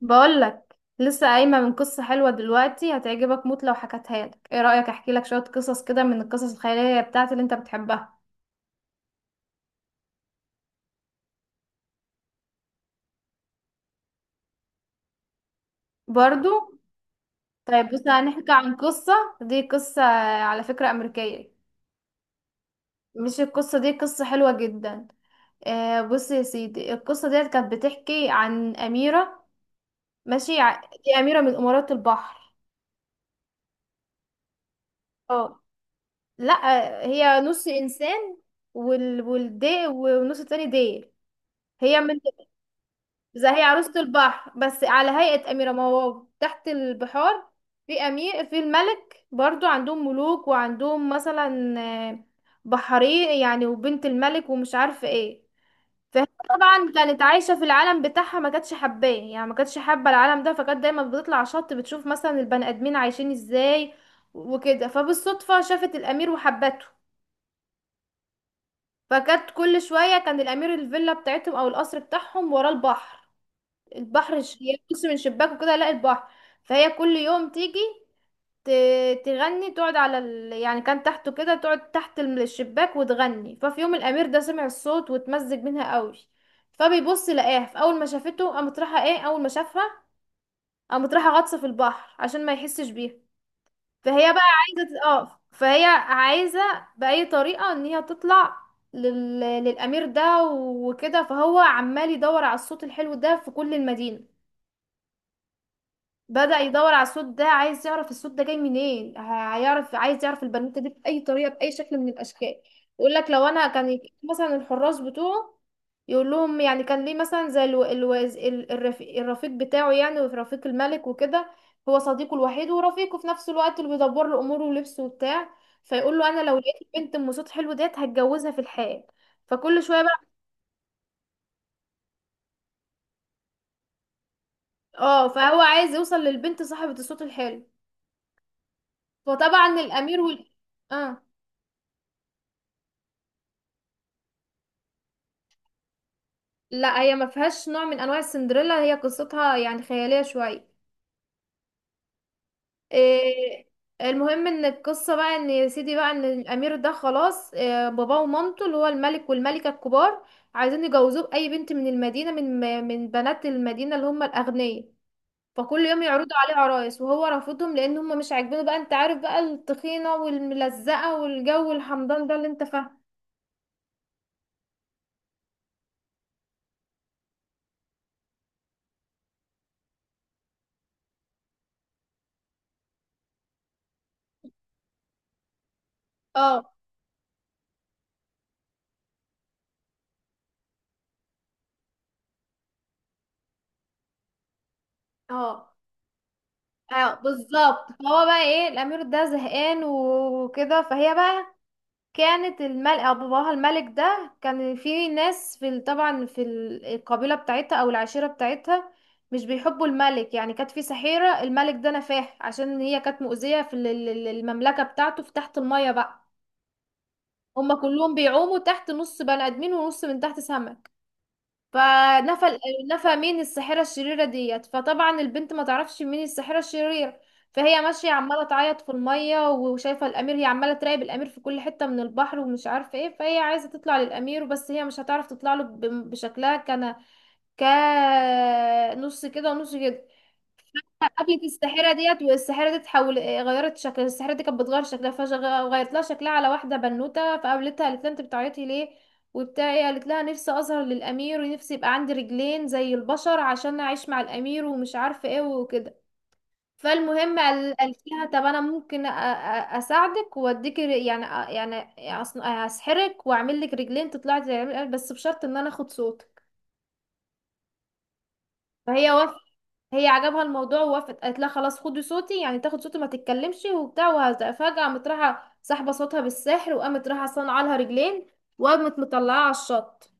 بقولك لسه قايمة من قصة حلوة دلوقتي هتعجبك موت لو حكتها لك. ايه رأيك احكي لك شوية قصص كده من القصص الخيالية بتاعتي اللي انت بتحبها؟ برضو. طيب بص، هنحكي عن قصة. دي قصة على فكرة أمريكية. مش القصة دي قصة حلوة جدا؟ بص يا سيدي، القصة ديت كانت بتحكي عن أميرة. ماشي، دي أميرة من أمارات البحر. اه، لا هي نص إنسان والدي والنص التاني ديل هي من، زي عروسة البحر بس على هيئة أميرة مواو تحت البحار. في أمير، في الملك برضو عندهم ملوك وعندهم مثلا، آه، بحري يعني، وبنت الملك، ومش عارفة ايه. فهي طبعا كانت عايشة في العالم بتاعها، ما كانتش حباه، يعني ما كانتش حابة العالم ده، فكانت دايما بتطلع على الشط بتشوف مثلا البني آدمين عايشين ازاي وكده. فبالصدفة شافت الأمير وحبته. فكانت كل شوية، كان الأمير الفيلا بتاعتهم أو القصر بتاعهم ورا البحر. البحر هي بص من شباك وكده الاقي البحر. فهي كل يوم تيجي تغني، تقعد على يعني كان تحته كده، تقعد تحت الشباك وتغني. ففي يوم الامير ده سمع الصوت واتمزج منها قوي. فبيبص لقاها، فاول ما شافته قامت رايحه ايه، اول ما شافها قامت رايحه غطسه في البحر عشان ما يحسش بيها. فهي بقى عايزه تت- اه فهي عايزه باي طريقه ان هي تطلع للامير ده وكده. فهو عمال يدور على الصوت الحلو ده في كل المدينه. بدأ يدور على الصوت ده، عايز يعرف الصوت ده جاي منين، هيعرف، عايز يعرف البنوتة دي بأي طريقة، بأي شكل من الأشكال. يقول لك لو أنا كان مثلا الحراس بتوعه يقول لهم. يعني كان ليه مثلا زي الو... الوز... ال- الرفيق... الرفيق بتاعه، يعني ورفيق الملك وكده. هو صديقه الوحيد ورفيقه في نفس الوقت، اللي بيدبر له أموره ولبسه وبتاع. فيقول له: أنا لو لقيت البنت أم صوت حلو ديت هتجوزها في الحال. فكل شوية بقى، اه، فهو عايز يوصل للبنت صاحبة الصوت الحلو. فطبعا الأمير وال، اه لا هي ما فيهاش نوع من انواع السندريلا، هي قصتها يعني خياليه شويه. إيه المهم ان القصه بقى، ان يا سيدي بقى ان الامير ده خلاص، إيه، باباه ومامته اللي هو الملك والملكه الكبار عايزين يجوزوه باي بنت من المدينه، من بنات المدينه اللي هم الاغنياء. فكل يوم يعرضوا عليه عرايس وهو رافضهم لان هم مش عاجبينه بقى. انت عارف بقى، التخينه والملزقه والجو الحمضان ده اللي انت فاهمه. اه. اه. اه بالظبط. فهو بقى ايه، الامير ده زهقان وكده. فهي بقى، كانت الملك او باباها الملك ده كان في ناس في طبعا في القبيله بتاعتها او العشيره بتاعتها مش بيحبوا الملك، يعني كانت في سحيره الملك ده نفاه عشان هي كانت مؤذيه في المملكه بتاعته في تحت الميه بقى. هما كلهم بيعوموا تحت، نص بني ادمين ونص من تحت سمك. فنفى ال- نفى مين؟ الساحرة الشريرة ديت. فطبعا البنت ما تعرفش مين الساحرة الشريرة. فهي ماشية عمالة تعيط في المية وشايفة الأمير، هي عمالة تراقب الأمير في كل حتة من البحر ومش عارفة ايه. فهي عايزة تطلع للأمير بس هي مش هتعرف تطلع له بشكلها، كان كنص كده ونص كده. قفلت الساحرة ديت، والساحرة دي تحول، غيرت شكل الساحرة دي، كانت بتغير شكلها، فغيرت لها شكلها على واحدة بنوتة. فقابلتها قالت لها: انت بتعيطي ليه وبتاع قالت لها: نفسي اظهر للامير، ونفسي يبقى عندي رجلين زي البشر عشان اعيش مع الامير ومش عارفة ايه وكده. فالمهم قالت لها: طب انا ممكن اساعدك واديك يعني يعني اسحرك واعمل لك رجلين تطلعي بس بشرط ان انا اخد صوتك. فهي عجبها الموضوع ووافقت، قالت لها: خلاص خدي صوتي، يعني تاخد صوتي ما تتكلمش وبتاع. وهذا فجأة قامت رايحة ساحبة صوتها بالسحر، وقامت رايحة صانعة لها رجلين، وقامت مطلعاها على الشط.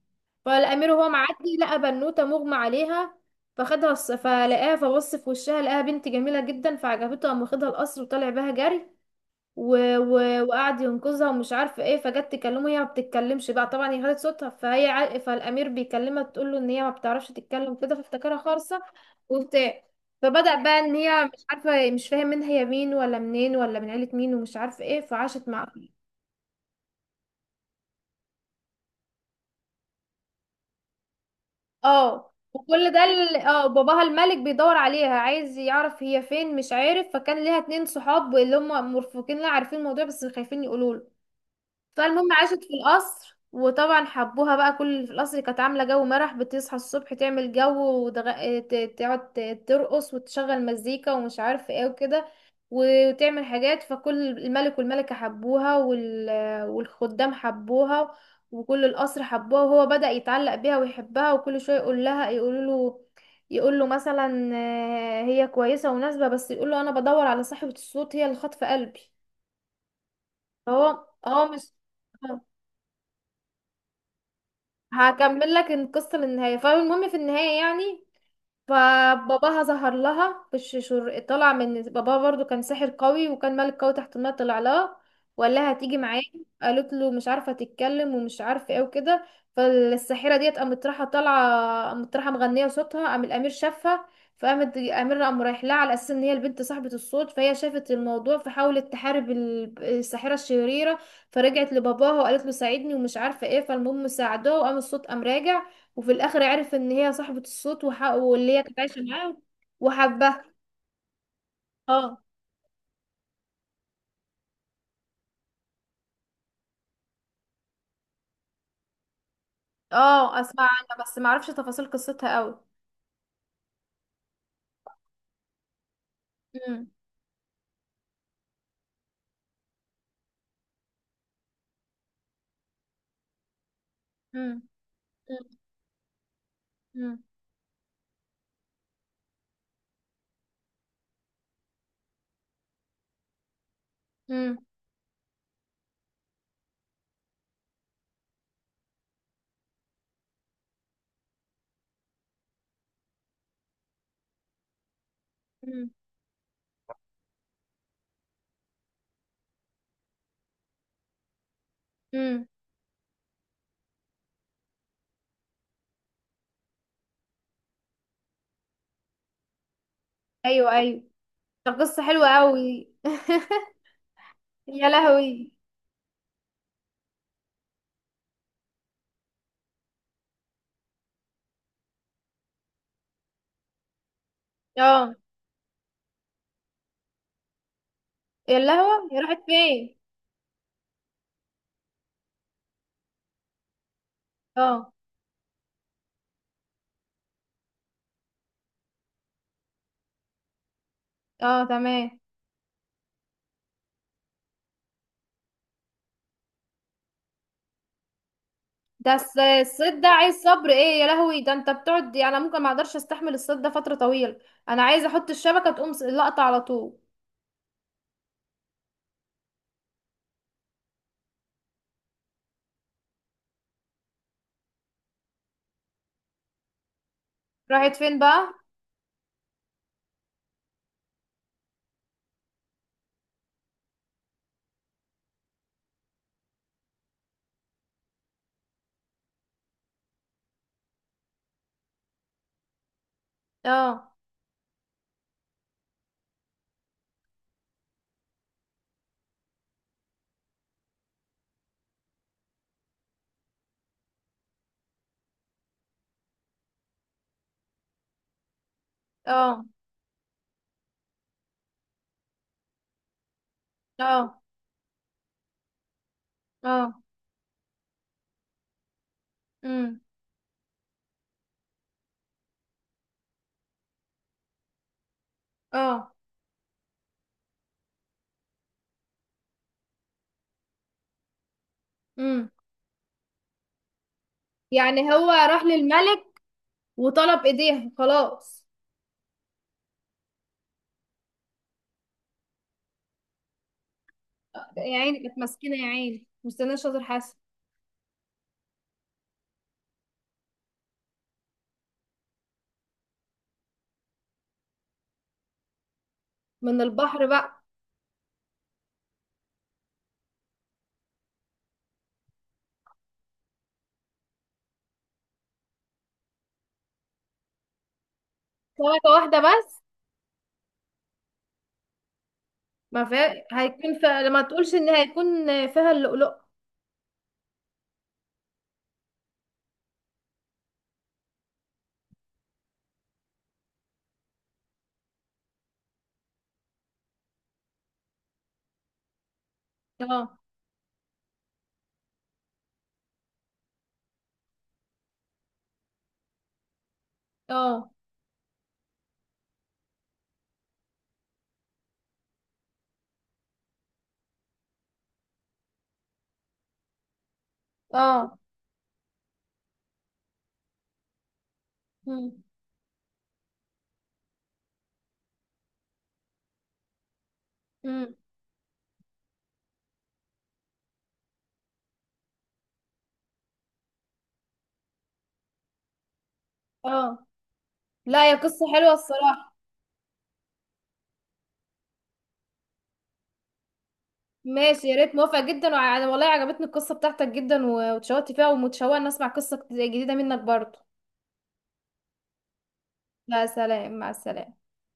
فالأمير وهو معدي لقى بنوتة مغمى عليها. فلقاها، فبص في وشها لقاها بنت جميلة جدا، فعجبته، قام واخدها القصر وطلع بها جري، وقعد ينقذها، ومش عارفه ايه. فجت تكلمه، هي ما بتتكلمش بقى طبعا، هي خدت صوتها. فهي فالامير بيكلمها، تقول له ان هي ما بتعرفش تتكلم كده، فافتكرها خالصه وبتاع. فبدأ بقى ان هي مش عارفه، مش فاهم منها هي مين ولا منين ولا من عيله مين ومش عارفه ايه. فعاشت مع، اه. وكل ده باباها الملك بيدور عليها عايز يعرف هي فين، مش عارف. فكان ليها 2 صحاب اللي هم مرفقين لها، عارفين الموضوع بس خايفين يقولوا له. فالمهم عاشت في القصر، وطبعا حبوها بقى، كل اللي في القصر، كانت عاملة جو مرح، بتصحى الصبح تعمل جو تقعد ترقص وتشغل مزيكا ومش عارفة ايه وكده، وتعمل حاجات. فكل الملك والملكة حبوها، والخدام حبوها، وكل القصر حبوها. وهو بدأ يتعلق بيها ويحبها، وكل شوية يقول لها، يقول له، مثلا هي كويسة ومناسبة بس يقول له: انا بدور على صاحبة الصوت، هي اللي خاطفة قلبي. فهو اه مش، هكمل لك القصة للنهاية. فالمهم في النهاية يعني، فباباها ظهر لها طلع من باباها برضو كان ساحر قوي وكان ملك قوي تحت الماء، طلع لها وقال لها: هتيجي معايا. قالت له مش عارفه تتكلم ومش عارفه ايه وكده. فالساحره ديت قامت رايحه طالعه، قامت رايحه مغنيه صوتها، قام الامير شافها. فقامت الامير قام رايح لها على اساس ان هي البنت صاحبه الصوت. فهي شافت الموضوع فحاولت تحارب الساحره الشريره. فرجعت لباباها وقالت له ساعدني ومش عارفه ايه. فالمهم ساعدوها وقام الصوت قام راجع، وفي الاخر عرف ان هي صاحبة الصوت واللي هي كانت عايشة معاه وحبها. اه. اه اسمع عنها بس ما اعرفش تفاصيل قصتها قوي. امم. امم. امم. امم. امم. امم. ايوه، ايوه، ده قصة حلوة قوي. يا لهوي. اه. يا لهوي، هي راحت فين؟ اه. اه. تمام. ده الصيد ده عايز صبر، ايه يا لهوي، ده انت بتقعد، يعني انا ممكن ما اقدرش استحمل الصيد ده فترة طويلة. انا عايزة احط الشبكة تقوم لقطة على طول. راحت فين بقى؟ اه. اه. اه. اه. امم. اه. امم. يعني هو راح للملك وطلب ايديها خلاص؟ يا عيني كانت مسكينه، يا عيني مستنيه شاطر حسن. من البحر بقى. سمكه واحده بس؟ ما فيها، هيكون فيها، لما تقولش ان هيكون فيها اللؤلؤ. اه. اه. اه. امم. امم. اه. لا يا، قصه حلوه الصراحه. ماشي يا ريت، موافقه جدا، وانا والله عجبتني القصه بتاعتك جدا، واتشوقت فيها ومتشوقه ان اسمع قصه جديده منك برضه. لا سلام، مع السلامة.